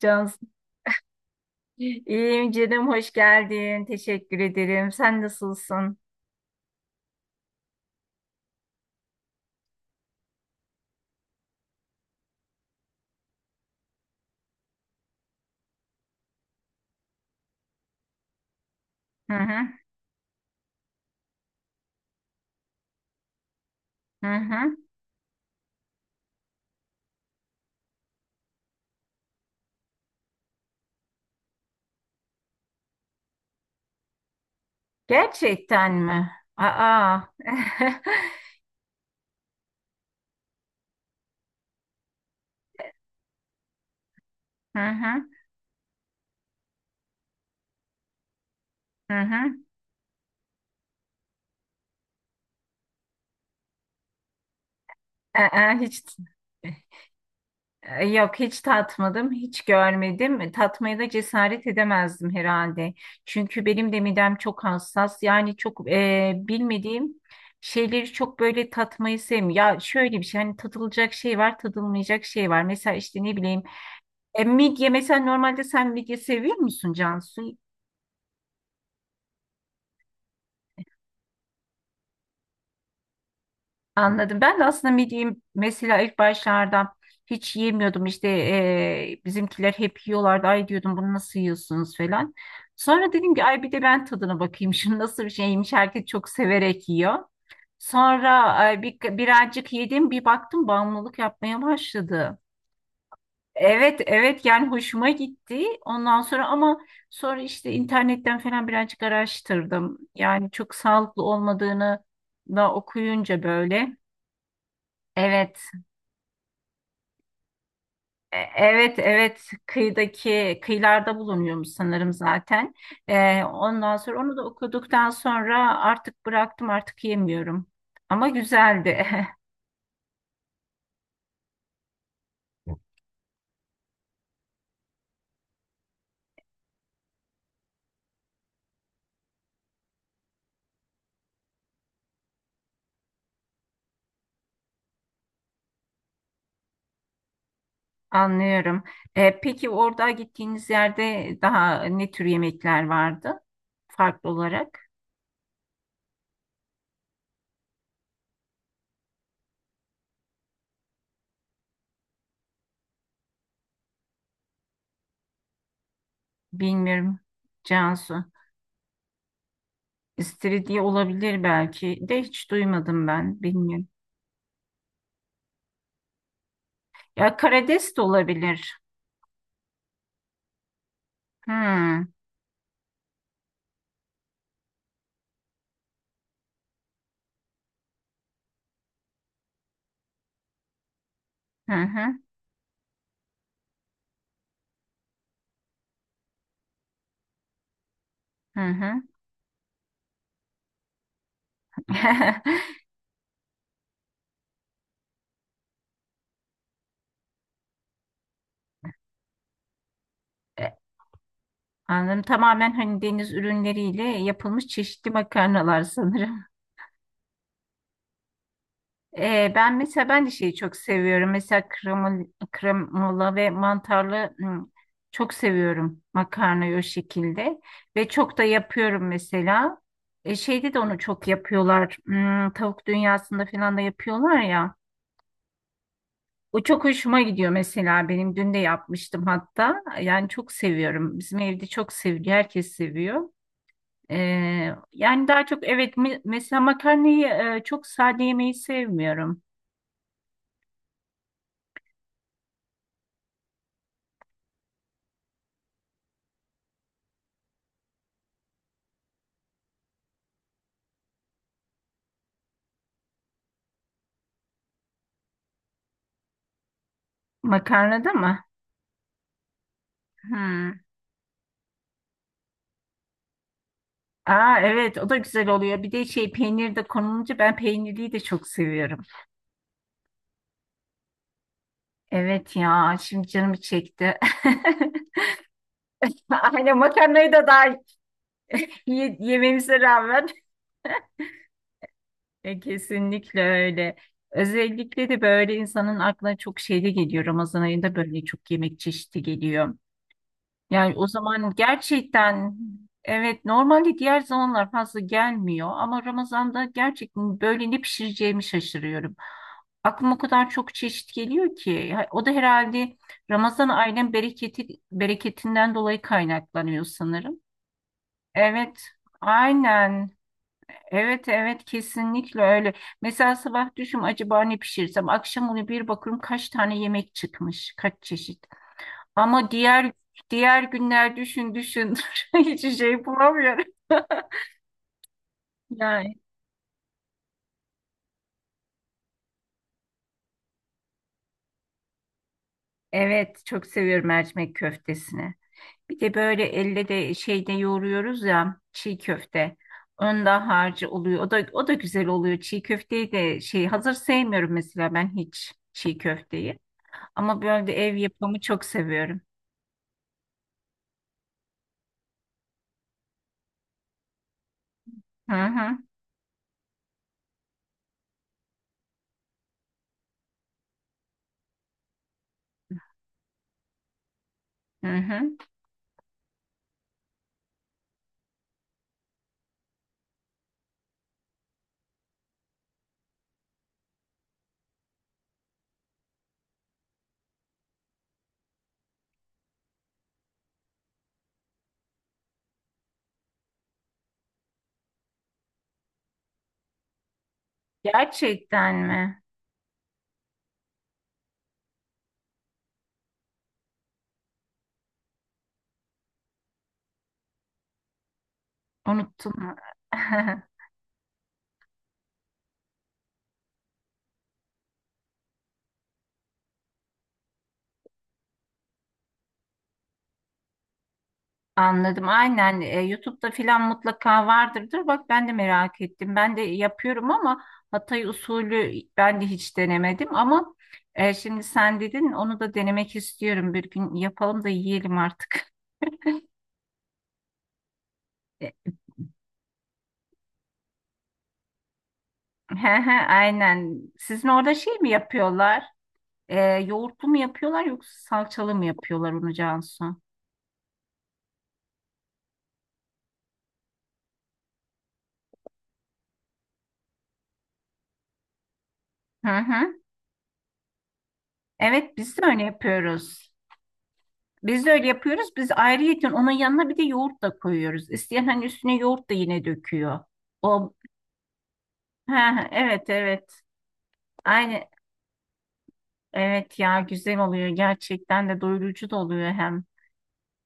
Cansu. İyiyim canım, hoş geldin. Teşekkür ederim. Sen nasılsın? Hı hı, hı hı. Gerçekten mi? Aa. Hı hı, hı hı. Aa, hiç yok, hiç tatmadım, hiç görmedim. Tatmaya da cesaret edemezdim herhalde. Çünkü benim de midem çok hassas. Yani çok bilmediğim şeyleri çok böyle tatmayı sevmiyorum. Ya şöyle bir şey, hani tadılacak şey var, tadılmayacak şey var. Mesela işte ne bileyim. Midye mesela normalde sen midye seviyor musun Cansu? Anladım. Ben de aslında midyeyi mesela ilk başlarda hiç yemiyordum. İşte bizimkiler hep yiyorlardı. Ay diyordum bunu nasıl yiyorsunuz falan. Sonra dedim ki ay bir de ben tadına bakayım. Şunu nasıl bir şeymiş herkes çok severek yiyor. Sonra birazcık yedim bir baktım bağımlılık yapmaya başladı. Evet evet yani hoşuma gitti. Ondan sonra ama sonra işte internetten falan birazcık araştırdım. Yani çok sağlıklı olmadığını da okuyunca böyle. Evet. Evet evet kıyılarda bulunuyormuş sanırım zaten. Ondan sonra onu da okuduktan sonra artık bıraktım artık yemiyorum. Ama güzeldi. Anlıyorum. Peki orada gittiğiniz yerde daha ne tür yemekler vardı farklı olarak? Bilmiyorum Cansu. İstiridye olabilir belki de hiç duymadım ben. Bilmiyorum. Ya karides de olabilir. Hmm. Hı hı. Hı hı. E, Anladım. Tamamen hani deniz ürünleriyle yapılmış çeşitli makarnalar sanırım. Ben mesela ben de şeyi çok seviyorum. Mesela kremola ve mantarlı çok seviyorum makarnayı o şekilde. Ve çok da yapıyorum mesela. E, şeyde de onu çok yapıyorlar. Hmm, tavuk dünyasında falan da yapıyorlar ya. O çok hoşuma gidiyor mesela benim. Dün de yapmıştım hatta. Yani çok seviyorum. Bizim evde çok seviliyor. Herkes seviyor. Yani daha çok evet mesela makarnayı çok sade yemeyi sevmiyorum. Makarnada mı? Hmm. Aa evet o da güzel oluyor. Bir de şey peynir de konulunca ben peynirliyi de çok seviyorum. Evet ya şimdi canım çekti. Aynen makarnayı da daha yememize rağmen. E, kesinlikle öyle. Özellikle de böyle insanın aklına çok şey de geliyor. Ramazan ayında böyle çok yemek çeşidi geliyor. Yani o zaman gerçekten evet normalde diğer zamanlar fazla gelmiyor ama Ramazan'da gerçekten böyle ne pişireceğimi şaşırıyorum. Aklıma o kadar çok çeşit geliyor ki. Ya, o da herhalde Ramazan ayının bereketinden dolayı kaynaklanıyor sanırım. Evet, aynen. Evet evet kesinlikle öyle. Mesela sabah düşün acaba ne pişirsem akşam onu bir bakıyorum kaç tane yemek çıkmış kaç çeşit. Ama diğer günler düşün düşün hiç şey bulamıyorum. Yani evet çok seviyorum mercimek köftesini. Bir de böyle elle de şeyde yoğuruyoruz ya çiğ köfte. Onda harcı oluyor. O da güzel oluyor. Çiğ köfteyi de şey hazır sevmiyorum mesela ben hiç çiğ köfteyi. Ama böyle de ev yapımı çok seviyorum. Hı hı, hı hı. Gerçekten mi? Unuttum. Anladım. Aynen. E, YouTube'da filan mutlaka vardırdır. Bak ben de merak ettim. Ben de yapıyorum ama Hatay usulü ben de hiç denemedim ama şimdi sen dedin onu da denemek istiyorum. Bir gün yapalım da yiyelim artık. E, he he, aynen. Sizin orada şey mi yapıyorlar? E, Yoğurtlu mu yapıyorlar yoksa salçalı mı yapıyorlar onu Cansu? Hı hı. Evet biz de öyle yapıyoruz. Biz de öyle yapıyoruz. Biz ayrıyeten onun yanına bir de yoğurt da koyuyoruz. İsteyen hani üstüne yoğurt da yine döküyor. O ha evet evet. Aynı evet ya güzel oluyor gerçekten de doyurucu da oluyor hem.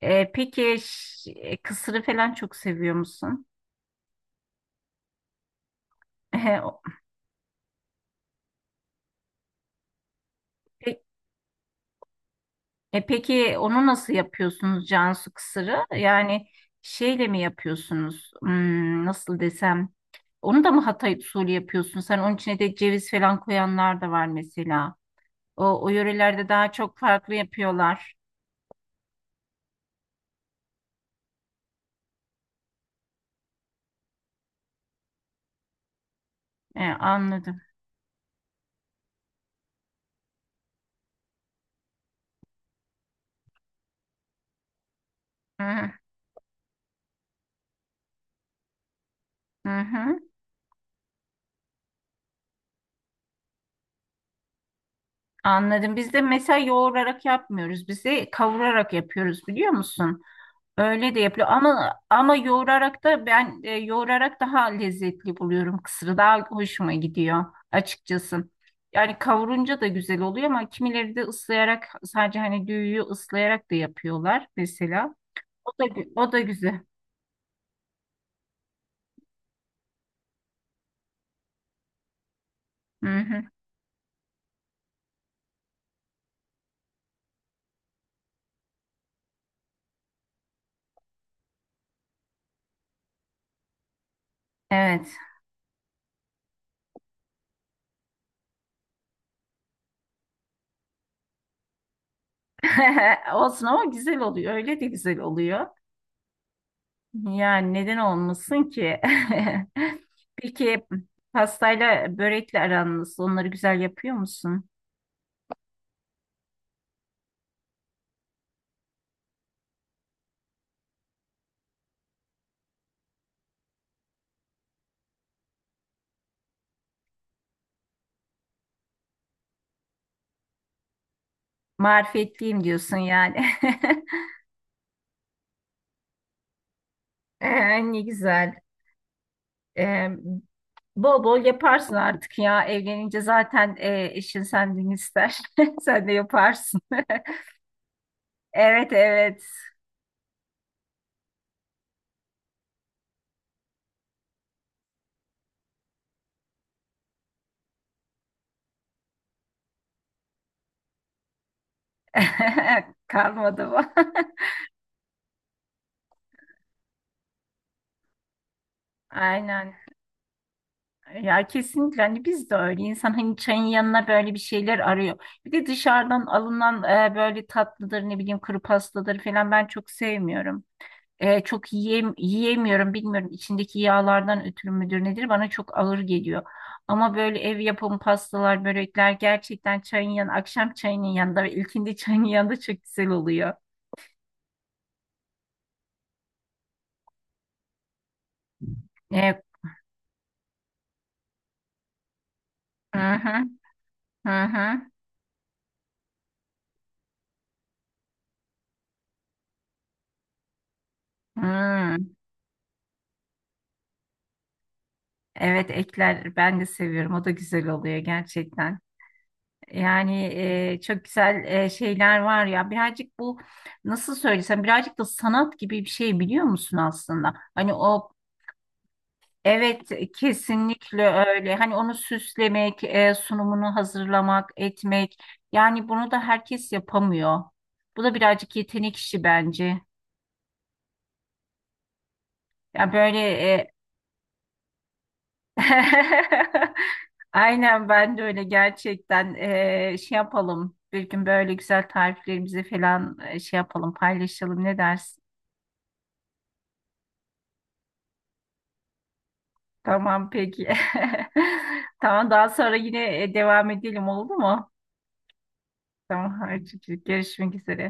E, peki kısırı falan çok seviyor musun? E, o- pe- e, peki onu nasıl yapıyorsunuz Cansu kısırı? Yani şeyle mi yapıyorsunuz? Hmm, nasıl desem? Onu da mı Hatay usulü yapıyorsun? Sen onun içine de ceviz falan koyanlar da var mesela. O yörelerde daha çok farklı yapıyorlar. E, anladım. Hı hı, hı hı. Anladım. Biz de mesela yoğurarak yapmıyoruz. Biz de kavurarak yapıyoruz biliyor musun? Öyle de yapılıyor. Ama yoğurarak da yoğurarak daha lezzetli buluyorum. Kısırı daha hoşuma gidiyor açıkçası. Yani kavurunca da güzel oluyor ama kimileri de ıslayarak sadece hani düğüyü ıslayarak da yapıyorlar mesela. O da güzel. Hı hı. Evet. Olsun ama güzel oluyor. Öyle de güzel oluyor. Yani neden olmasın ki? Peki pastayla börekle aran nasıl? Onları güzel yapıyor musun? Marifetliyim diyorsun yani. Ne güzel. Ee, Bol bol yaparsın artık ya. Evlenince zaten eşin senden ister. Sen de yaparsın. Evet evet. Kalmadı bu. Aynen. Ya kesinlikle hani biz de öyle insan hani çayın yanına böyle bir şeyler arıyor. Bir de dışarıdan alınan böyle tatlıdır ne bileyim kuru pastadır falan ben çok sevmiyorum. E, çok yiyemiyorum bilmiyorum içindeki yağlardan ötürü müdür nedir bana çok ağır geliyor. Ama böyle ev yapımı pastalar börekler gerçekten çayın yanı akşam çayının yanında ve ilkindi çayın yanında çok güzel oluyor. E, hı hı hı hı, hı. Evet ekler ben de seviyorum o da güzel oluyor gerçekten. Yani çok güzel şeyler var ya birazcık bu nasıl söylesem birazcık da sanat gibi bir şey biliyor musun aslında? Hani o evet kesinlikle öyle hani onu süslemek sunumunu hazırlamak etmek yani bunu da herkes yapamıyor. Bu da birazcık yetenek işi bence. Ya böyle Aynen ben de öyle gerçekten. Şey yapalım bir gün böyle güzel tariflerimizi falan şey yapalım paylaşalım ne dersin? Tamam peki. Tamam daha sonra yine devam edelim oldu mu? Tamam hadi görüşmek üzere.